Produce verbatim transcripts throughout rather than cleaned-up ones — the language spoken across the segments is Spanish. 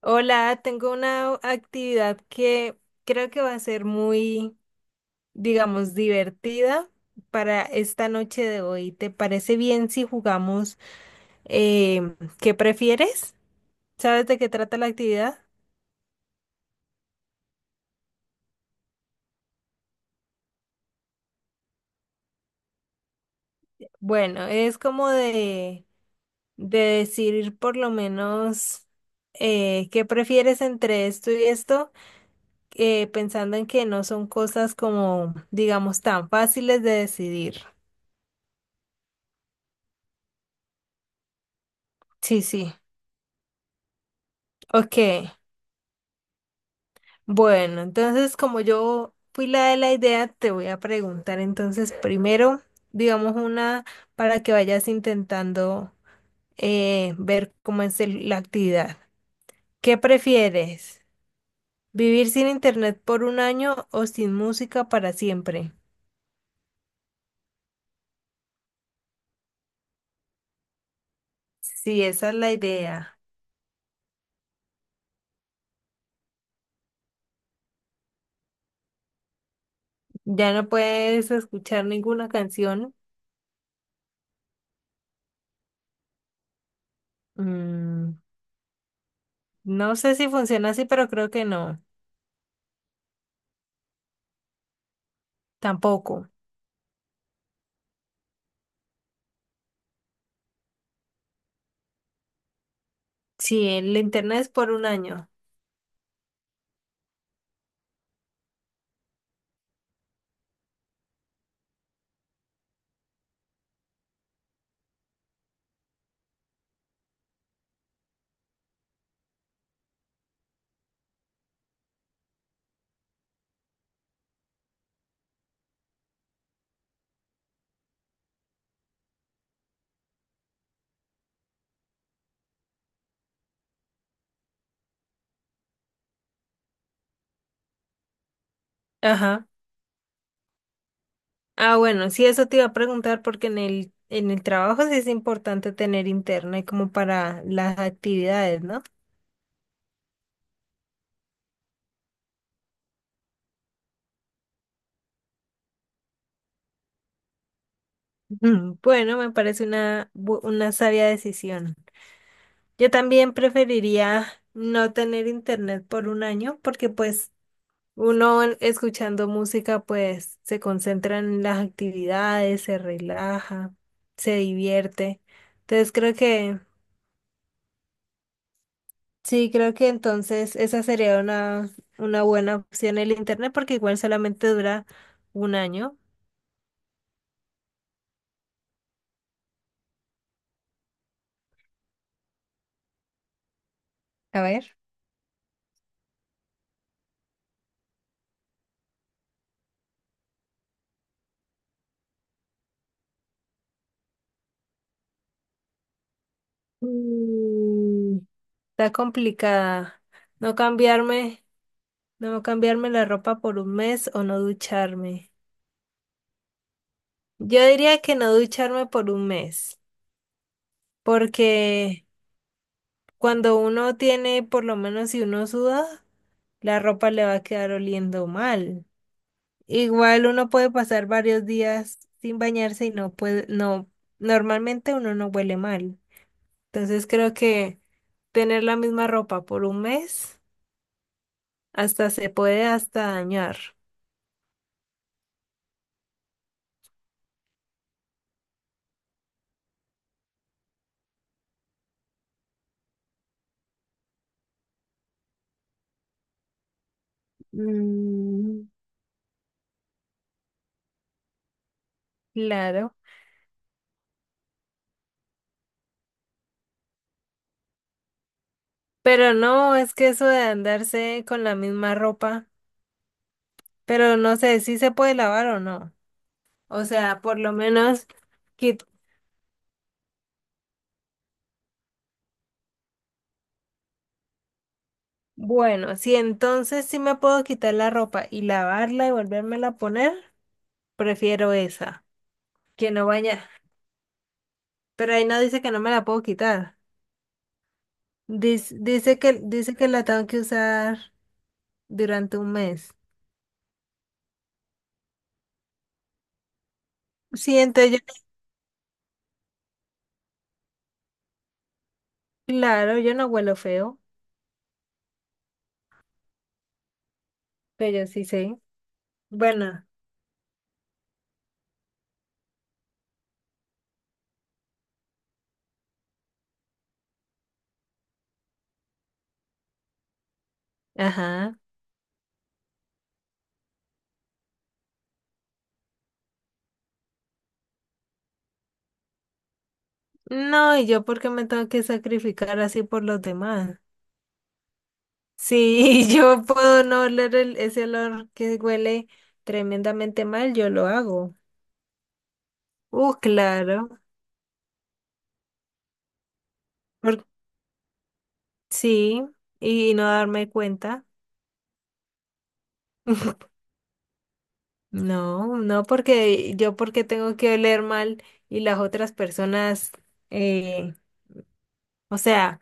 Hola, tengo una actividad que creo que va a ser muy, digamos, divertida para esta noche de hoy. ¿Te parece bien si jugamos? Eh, ¿qué prefieres? ¿Sabes de qué trata la actividad? Bueno, es como de, de decir por lo menos, eh, qué prefieres entre esto y esto, eh, pensando en que no son cosas como, digamos, tan fáciles de decidir. Sí, sí. Ok. Bueno, entonces como yo fui la de la idea, te voy a preguntar entonces primero, digamos una para que vayas intentando, eh, ver cómo es el- la actividad. ¿Qué prefieres? ¿Vivir sin internet por un año o sin música para siempre? Sí, esa es la idea. Ya no puedes escuchar ninguna canción. Mm, no sé si funciona así, pero creo que no. Tampoco. Sí, el internet es por un año. Ajá. Ah, bueno, sí, eso te iba a preguntar porque en el, en el trabajo sí es importante tener internet como para las actividades, ¿no? Ujú. Bueno, me parece una, bu- una sabia decisión. Yo también preferiría no tener internet por un año porque pues uno en- escuchando música pues se concentra en las actividades, se relaja, se divierte. Entonces creo que Sí, creo que entonces esa sería una, una buena opción el internet porque igual solamente dura un año. A ver. Mm, está complicada. No cambiarme, no cambiarme la ropa por un mes o no ducharme. Yo diría que no ducharme por un mes, porque cuando uno tiene, por lo menos si uno suda, la ropa le va a quedar oliendo mal. Igual uno puede pasar varios días sin bañarse y no puede, no, normalmente uno no huele mal. Entonces creo que tener la misma ropa por un mes hasta se puede hasta dañar. Mm. Claro. Pero no, es que eso de andarse con la misma ropa, pero no sé si se puede lavar o no. O sea, por lo menos, quit- bueno, si entonces sí me puedo quitar la ropa y lavarla y volvérmela a poner, prefiero esa. Que no vaya. Pero ahí no dice que no me la puedo quitar. Dice, dice que, dice que la tengo que usar durante un mes. Sí, entonces yo, no, claro, yo no huelo feo, pero yo sí sé. Bueno, ajá. No, ¿y yo por qué me tengo que sacrificar así por los demás? Si yo puedo no oler el- ese olor que huele tremendamente mal, yo lo hago. Uh, claro. Por- sí, y no darme cuenta. No, no, porque yo porque tengo que oler mal y las otras personas, eh, o sea,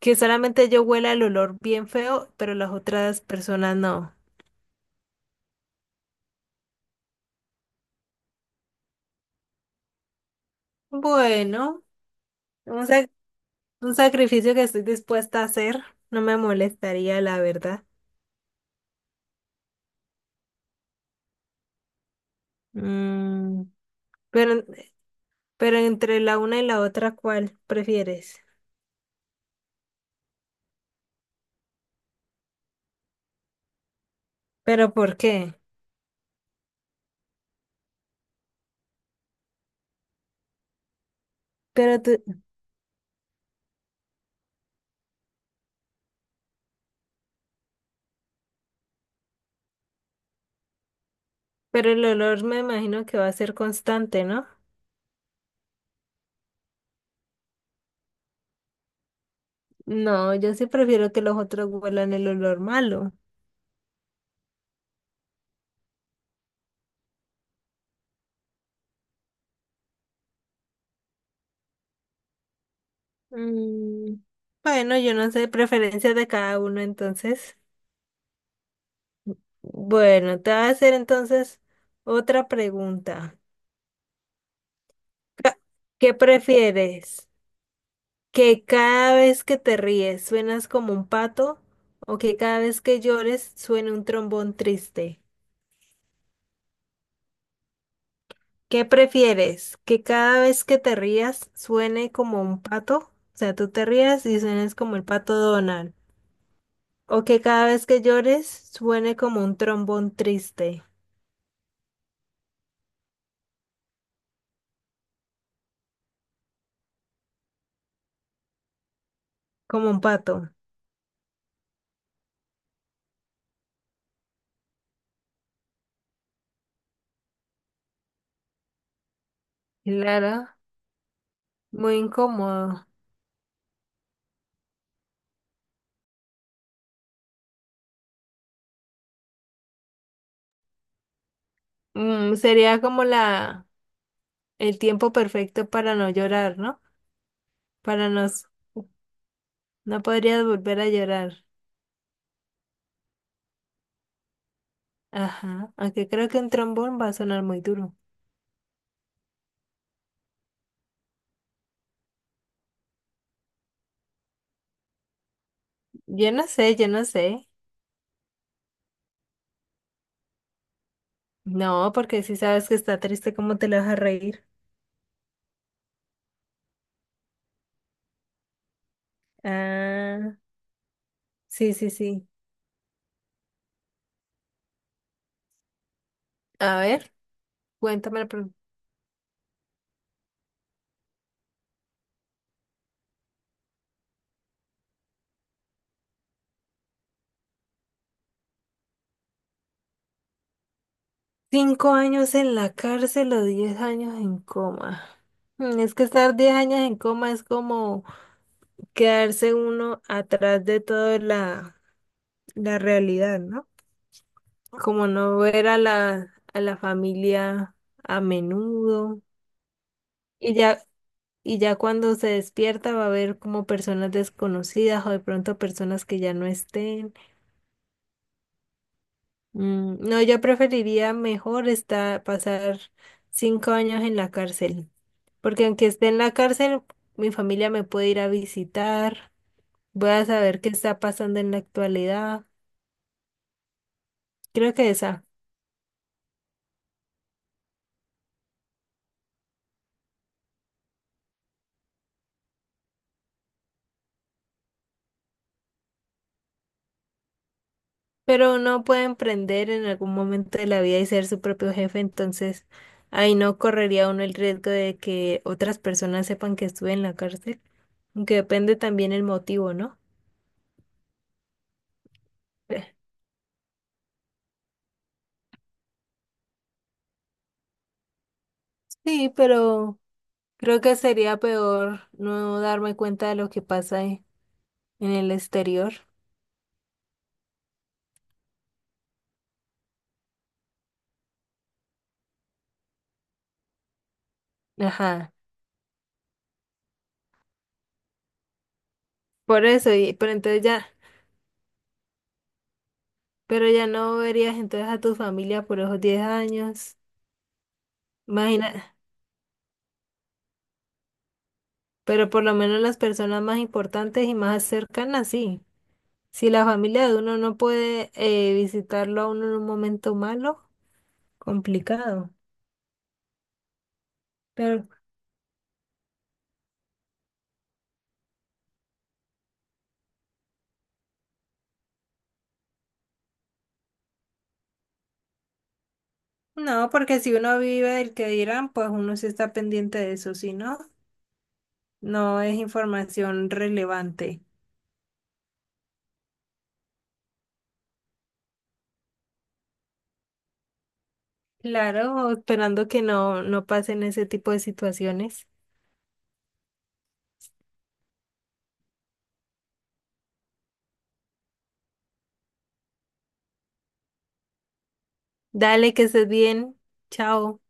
que solamente yo huela el olor bien feo, pero las otras personas no. Bueno, un, sac- un sacrificio que estoy dispuesta a hacer, no me molestaría, la verdad. Mm, pero, pero entre la una y la otra, ¿cuál prefieres? ¿Pero por qué? Pero tú- pero el olor me imagino que va a ser constante, ¿no? No, yo sí prefiero que los otros huelan el olor malo. Mm, Bueno, yo no sé, preferencia de cada uno, entonces. Bueno, te voy a hacer entonces otra pregunta. Ca- ¿Qué prefieres? ¿Que cada vez que te ríes suenas como un pato o que cada vez que llores suene un trombón triste? ¿Qué prefieres? ¿Que cada vez que te rías suene como un pato? O sea, tú te rías y suenes como el pato Donald. O que cada vez que llores suene como un trombón triste, como un pato. Claro, muy incómodo. Mm, sería como la el tiempo perfecto para no llorar, ¿no? Para nos No podrías volver a llorar. Ajá, aunque creo que un trombón va a sonar muy duro. Yo no sé, yo no sé. No, porque si sabes que está triste, ¿cómo te lo vas a reír? Ah, sí, sí, sí. A ver, cuéntame. La Cinco años en la cárcel o diez años en coma. Mm, Es que estar diez años en coma es como quedarse uno atrás de toda la, la realidad, ¿no? Como no ver a la, a la familia a menudo. Y ya, y ya cuando se despierta va a ver como personas desconocidas o de pronto personas que ya no estén. Mm, no, yo preferiría mejor estar, pasar cinco años en la cárcel, porque aunque esté en la cárcel, mi familia me puede ir a visitar, voy a saber qué está pasando en la actualidad, creo que esa, pero uno puede emprender en algún momento de la vida y ser su propio jefe, entonces ahí no correría uno el riesgo de que otras personas sepan que estuve en la cárcel, aunque depende también el motivo, ¿no? Eh, Sí, pero... Creo que sería peor no darme cuenta de lo que pasa en en el exterior. Ajá. Por eso, y, pero entonces ya, pero ya no verías entonces a tu familia por esos diez años. Imagina, pero por lo menos las personas más importantes y más cercanas, sí. Si la familia de uno no puede eh, visitarlo a uno en un momento malo, complicado. Pero no, porque si uno vive el que dirán, pues uno sí está pendiente de eso, si no, no es información relevante. Claro, esperando que no, no pasen ese tipo de situaciones. Dale, que estés bien. Chao.